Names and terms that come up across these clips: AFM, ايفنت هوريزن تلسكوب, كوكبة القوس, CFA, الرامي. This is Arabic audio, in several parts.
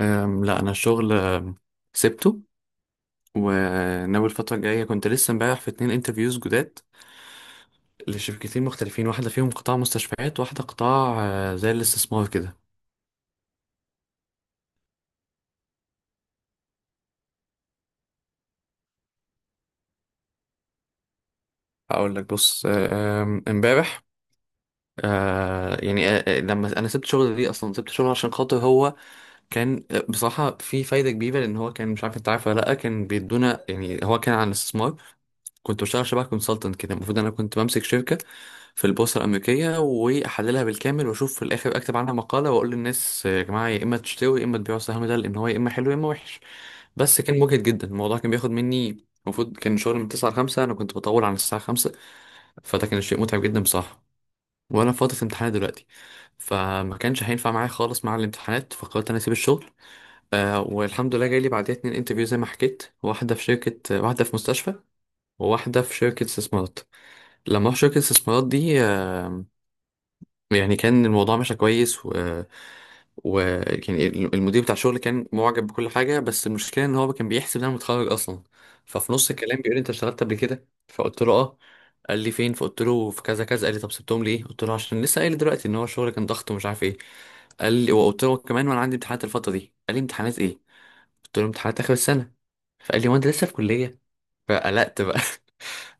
لا انا الشغل سبته وناوي الفتره الجايه كنت لسه امبارح في اتنين انترفيوز جداد لشركتين مختلفين واحده فيهم قطاع مستشفيات واحده قطاع زي الاستثمار كده. اقول لك بص آه، آم، امبارح يعني لما انا سبت شغل ليه اصلا سبت شغل عشان خاطر هو كان بصراحة في فايدة كبيرة لأن هو كان مش عارف أنت عارف ولا لأ كان بيدونا يعني هو كان عن الاستثمار. كنت بشتغل شبه كونسلتنت كده المفروض أنا كنت بمسك شركة في البورصة الأمريكية وأحللها بالكامل وأشوف في الآخر أكتب عنها مقالة وأقول للناس يا جماعة يا إما تشتروا يا إما تبيعوا السهم ده لأن هو يا إما حلو يا إما وحش. بس كان مجهد جدا الموضوع كان بياخد مني المفروض كان شغل من 9 ل 5 أنا كنت بطول عن الساعة 5. فده كان شيء متعب جدا بصراحة وأنا في فترة امتحانات دلوقتي فما كانش هينفع معايا خالص مع الامتحانات فقررت أنا أسيب الشغل. والحمد لله جاي لي بعديها اتنين انترفيو زي ما حكيت واحدة في شركة واحدة في مستشفى وواحدة في شركة استثمارات. لما رحت شركة الاستثمارات دي يعني كان الموضوع ماشي كويس و يعني المدير بتاع الشغل كان معجب بكل حاجة بس المشكلة ان هو كان بيحسب ان انا متخرج اصلا. ففي نص الكلام بيقول لي انت اشتغلت قبل كده؟ فقلت له اه. قال لي فين، فقلت له في كذا كذا. قال لي طب سبتهم ليه، قلت له عشان لسه قايل دلوقتي ان هو الشغل كان ضغط ومش عارف ايه. قال لي، وقلت له كمان وانا عندي امتحانات الفترة دي. قال لي امتحانات ايه، قلت له امتحانات اخر السنة. فقال لي هو انت لسه في كليه؟ فقلقت بقى.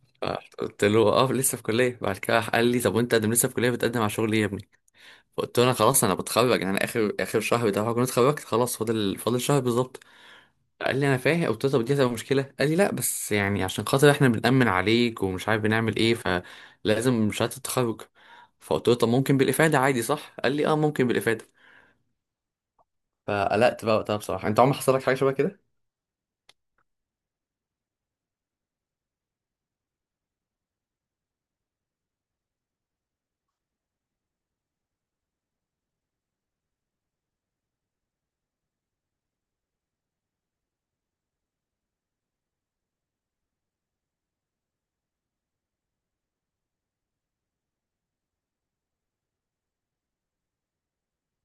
قلت له اه لسه في كليه. بعد كده راح قال لي طب وانت قدم لسه في كليه بتقدم على شغل ايه يا ابني. فقلت له انا خلاص انا بتخرج، يعني انا اخر شهر بتاع كنت اتخرجت خلاص، فاضل شهر بالظبط. قال لي انا فاهم، قلت له طب دي هتبقى مشكله؟ قال لي لا بس يعني عشان خاطر احنا بنأمن عليك ومش عارف بنعمل ايه فلازم شهاده التخرج. فقلت له طب ممكن بالافاده عادي صح؟ قال لي اه ممكن بالافاده. فقلقت بقى وقتها بصراحه. انت عمرك حصل لك حاجه شبه كده؟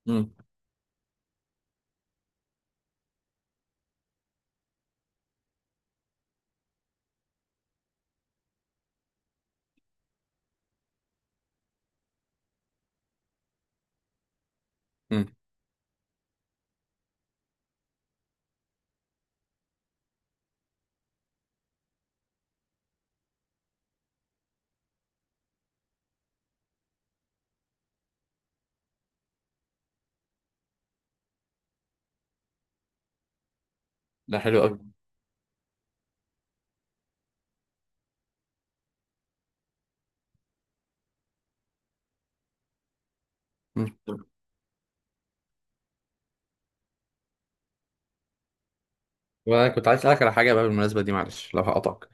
امم. امم. ده حلو قوي. وانا كنت عايز اسالك على حاجه بقى بالمناسبه دي، معلش لو هقطعك.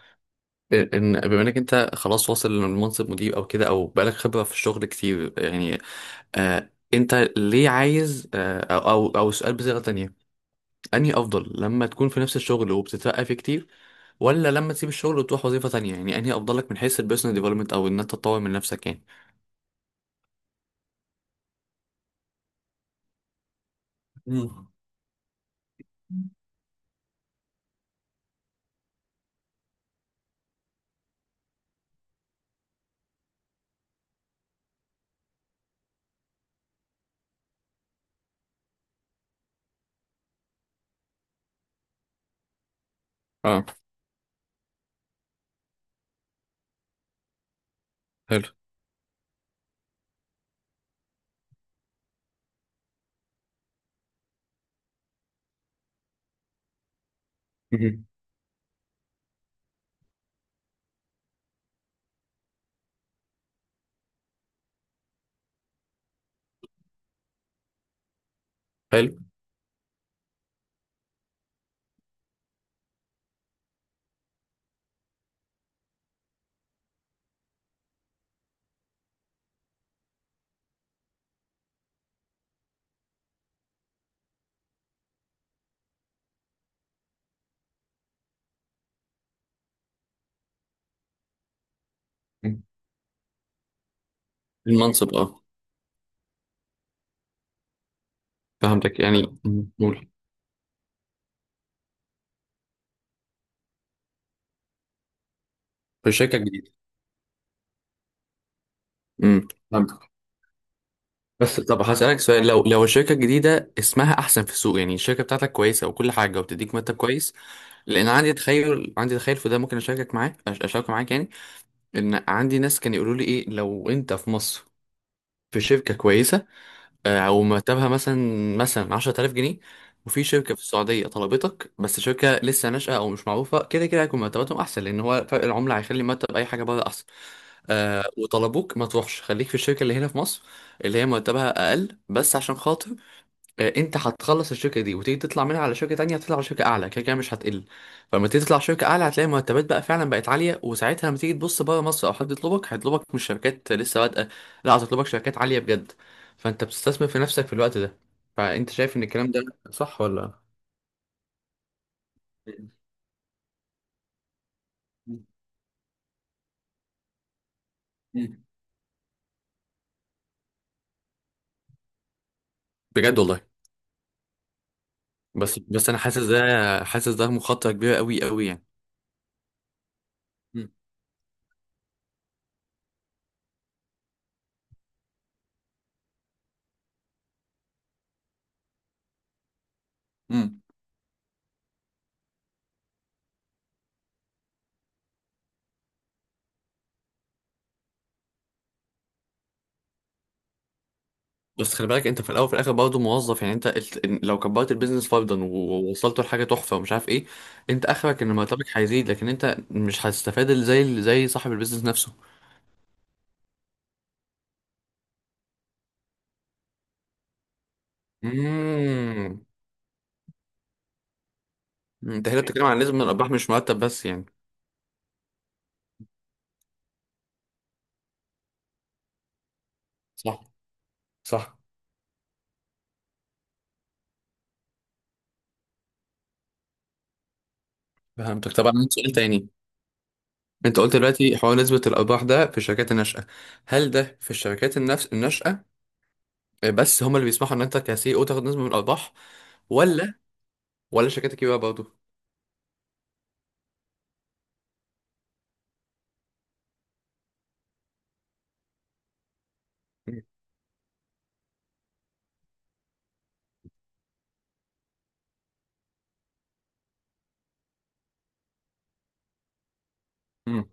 إيه، ان بما انك انت خلاص واصل لمنصب مدير او كده او بقالك خبره في الشغل كتير يعني، انت ليه عايز او او أو سؤال بصيغه تانية، انهي افضل لما تكون في نفس الشغل وبتترقى فيه كتير ولا لما تسيب الشغل وتروح وظيفه تانية؟ يعني انهي افضل لك من حيث البيرسونال ديفلوبمنت او ان انت تطور من نفسك يعني؟ مم. اه. حلو. مهم. حلو. مم. المنصب اه. فهمتك يعني. مم. قول. في شركه جديده. امم. بس طب هسألك سؤال، لو الشركة الجديدة اسمها أحسن في السوق يعني الشركة بتاعتك كويسة وكل حاجة وبتديك مرتب كويس. لأن عندي تخيل في ده ممكن أشارك معاك يعني. إن عندي ناس كانوا يقولوا لي إيه لو أنت في مصر في شركة كويسة أو مرتبها مثلا مثلا 10,000 جنيه، وفي شركة في السعودية طلبتك بس شركة لسه ناشئة أو مش معروفة، كده كده هيكون مرتباتهم أحسن لأن هو فرق العملة هيخلي مرتب أي حاجة بره أحسن. وطلبوك، ما تروحش، خليك في الشركة اللي هنا في مصر اللي هي مرتبها اقل بس عشان خاطر انت هتخلص الشركه دي وتيجي تطلع منها على شركه تانية، هتطلع على شركه اعلى كده كده مش هتقل. فلما تيجي تطلع على شركه اعلى هتلاقي مرتبات بقى فعلا بقت عاليه، وساعتها لما تيجي تبص بره مصر او حد يطلبك هيطلبك مش شركات لسه بادئه، لا هتطلبك شركات عاليه بجد. فانت بتستثمر في نفسك في الوقت ده. فانت شايف ان الكلام ده صح ولا؟ مم. بجد والله. بس انا حاسس ده مخاطره كبيره قوي قوي يعني. مم. بس خلي بالك انت في الاول وفي الاخر برضه موظف، يعني انت لو كبرت البيزنس فرضا ووصلته لحاجه تحفه ومش عارف ايه، انت اخرك ان مرتبك هيزيد لكن انت مش هتستفاد زي زي صاحب البيزنس نفسه. امم. انت هنا بتتكلم عن نسبه من الارباح مش مرتب بس يعني؟ صح. صح. فهمتك. طبعا عندي سؤال تاني. انت قلت دلوقتي حوار نسبه الارباح ده في الشركات الناشئه، هل ده في الشركات النفس الناشئه بس هم اللي بيسمحوا ان انت كسي او تاخد نسبه من الارباح، ولا؟ ولا الشركات الكبيره برضه؟ امم.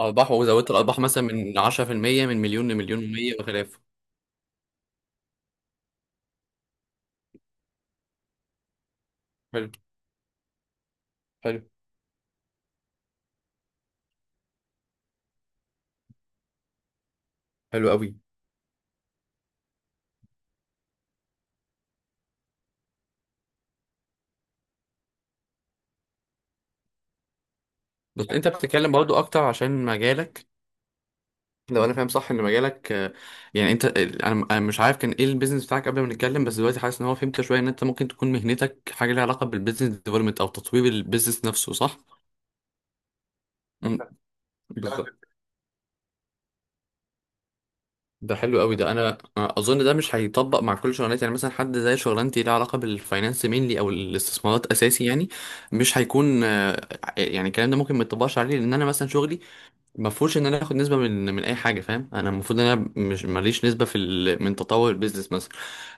أرباح وزودت الأرباح مثلا من 10%، من مليون لمليون ومية وخلافه. حلو. حلو. حلو قوي. بس أنت بتتكلم برضو أكتر عشان مجالك. لو أنا فاهم صح إن مجالك يعني أنت، أنا مش عارف كان إيه البيزنس بتاعك قبل ما نتكلم بس دلوقتي حاسس إن هو، فهمت شوية، إن أنت ممكن تكون مهنتك حاجة ليها علاقة بالبيزنس ديفلوبمنت أو تطوير البيزنس نفسه صح؟ أمم، بالظبط. ده حلو قوي. ده انا اظن ده مش هيطبق مع كل شغلانات، يعني مثلا حد زي شغلانتي ليها علاقه بالفاينانس مينلي او الاستثمارات اساسي يعني مش هيكون يعني الكلام ده ممكن ما يطبقش عليه لان انا مثلا شغلي ما فيهوش ان انا اخد نسبه من اي حاجه، فاهم، انا المفروض ان انا مش ماليش نسبه في من تطور البيزنس مثلا.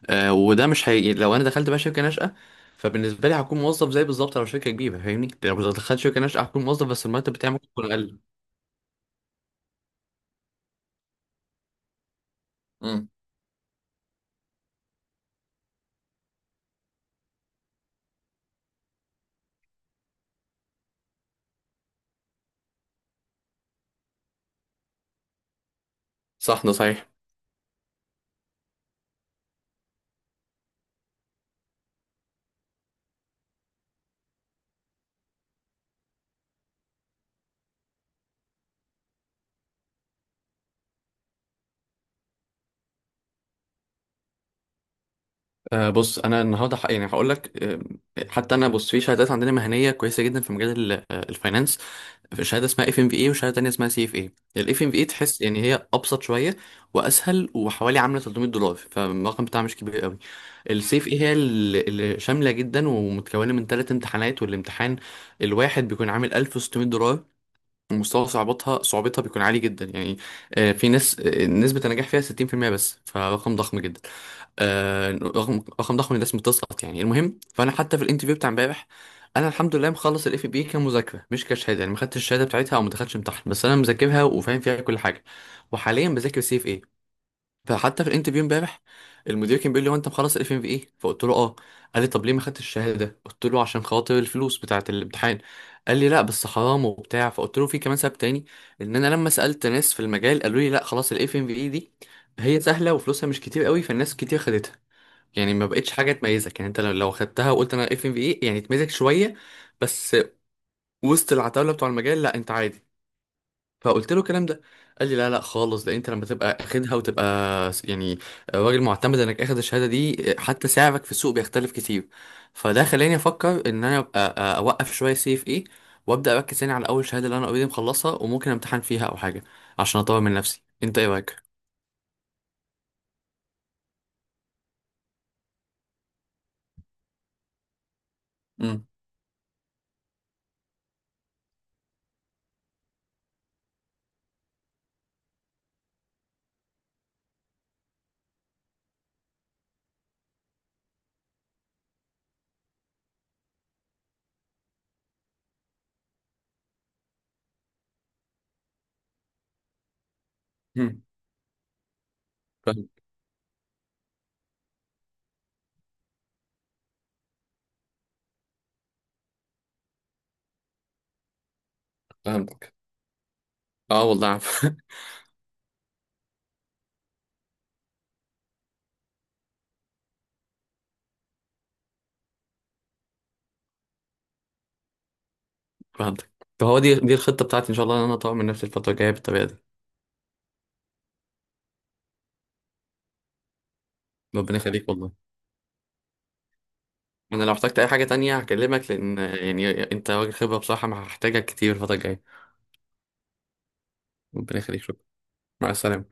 وده مش هي، لو انا دخلت بقى شركه ناشئه فبالنسبه لي هكون موظف زي بالظبط لو شركه كبيره، فاهمني، لو دخلت شركه ناشئه هكون موظف بس المرتب بتاعي ممكن يكون اقل. مم. صح ده صحيح. أه بص انا النهارده يعني هقول لك، حتى انا بص في شهادات عندنا مهنيه كويسه جدا في مجال ال- أه، الفاينانس. في شهاده اسمها اف ام في اي وشهاده تانيه اسمها سي اف اي. الاف ام في اي تحس يعني هي ابسط شويه واسهل وحوالي عامله 300 دولار، فالرقم بتاعها مش كبير قوي. السي اف اي هي اللي شامله جدا ومتكونه من ثلاث امتحانات، والامتحان الواحد بيكون عامل 1600 دولار ومستوى صعوبتها بيكون عالي جدا يعني. في ناس نسبة النجاح فيها 60% بس، فرقم ضخم جدا. رقم ضخم، الناس بتسقط يعني، المهم فانا حتى في الانترفيو بتاع امبارح، انا الحمد لله مخلص الاف بي كمذاكره مش كشهاده، يعني ما خدتش الشهاده بتاعتها او ما دخلتش امتحان بس انا مذاكرها وفاهم فيها كل حاجه، وحاليا بذاكر سي اف اي. فحتى في الانترفيو امبارح المدير كان بيقول لي هو انت مخلص الاف ام في ايه؟ فقلت له اه. قال لي طب ليه ما خدتش الشهاده؟ قلت له عشان خاطر الفلوس بتاعه الامتحان. قال لي لا بس حرام وبتاع، فقلت له في كمان سبب تاني، ان انا لما سالت ناس في المجال قالوا لي لا خلاص الاف ام في ايه دي هي سهله وفلوسها مش كتير قوي فالناس كتير خدتها، يعني ما بقتش حاجه تميزك، يعني انت لو خدتها وقلت انا اف ام في ايه يعني تميزك شويه بس، وسط العتاوله بتوع المجال لا انت عادي. فقلت له الكلام ده، قال لي لا لا خالص، ده انت لما تبقى اخدها وتبقى يعني راجل معتمد انك اخد الشهاده دي حتى سعرك في السوق بيختلف كتير. فده خلاني افكر ان انا ابقى اوقف شويه سي اف ايه وابدا اركز تاني على اول شهاده اللي انا اوريدي مخلصها وممكن امتحن فيها او حاجه عشان اطور من نفسي. انت ايه رايك؟ امم. أمم. فاهم-. فهمتك. اه والله عارف. فهمتك. فهو دي الخطه بتاعتي ان شاء الله، ان انا اطور من نفسي الفتره الجايه بالطريقه دي. ربنا يخليك والله. انا لو احتجت اي حاجه تانية هكلمك، لان يعني انت راجل خبره بصراحه، ما هحتاجك كتير الفتره الجايه. ربنا يخليك. شكرا. مع السلامه.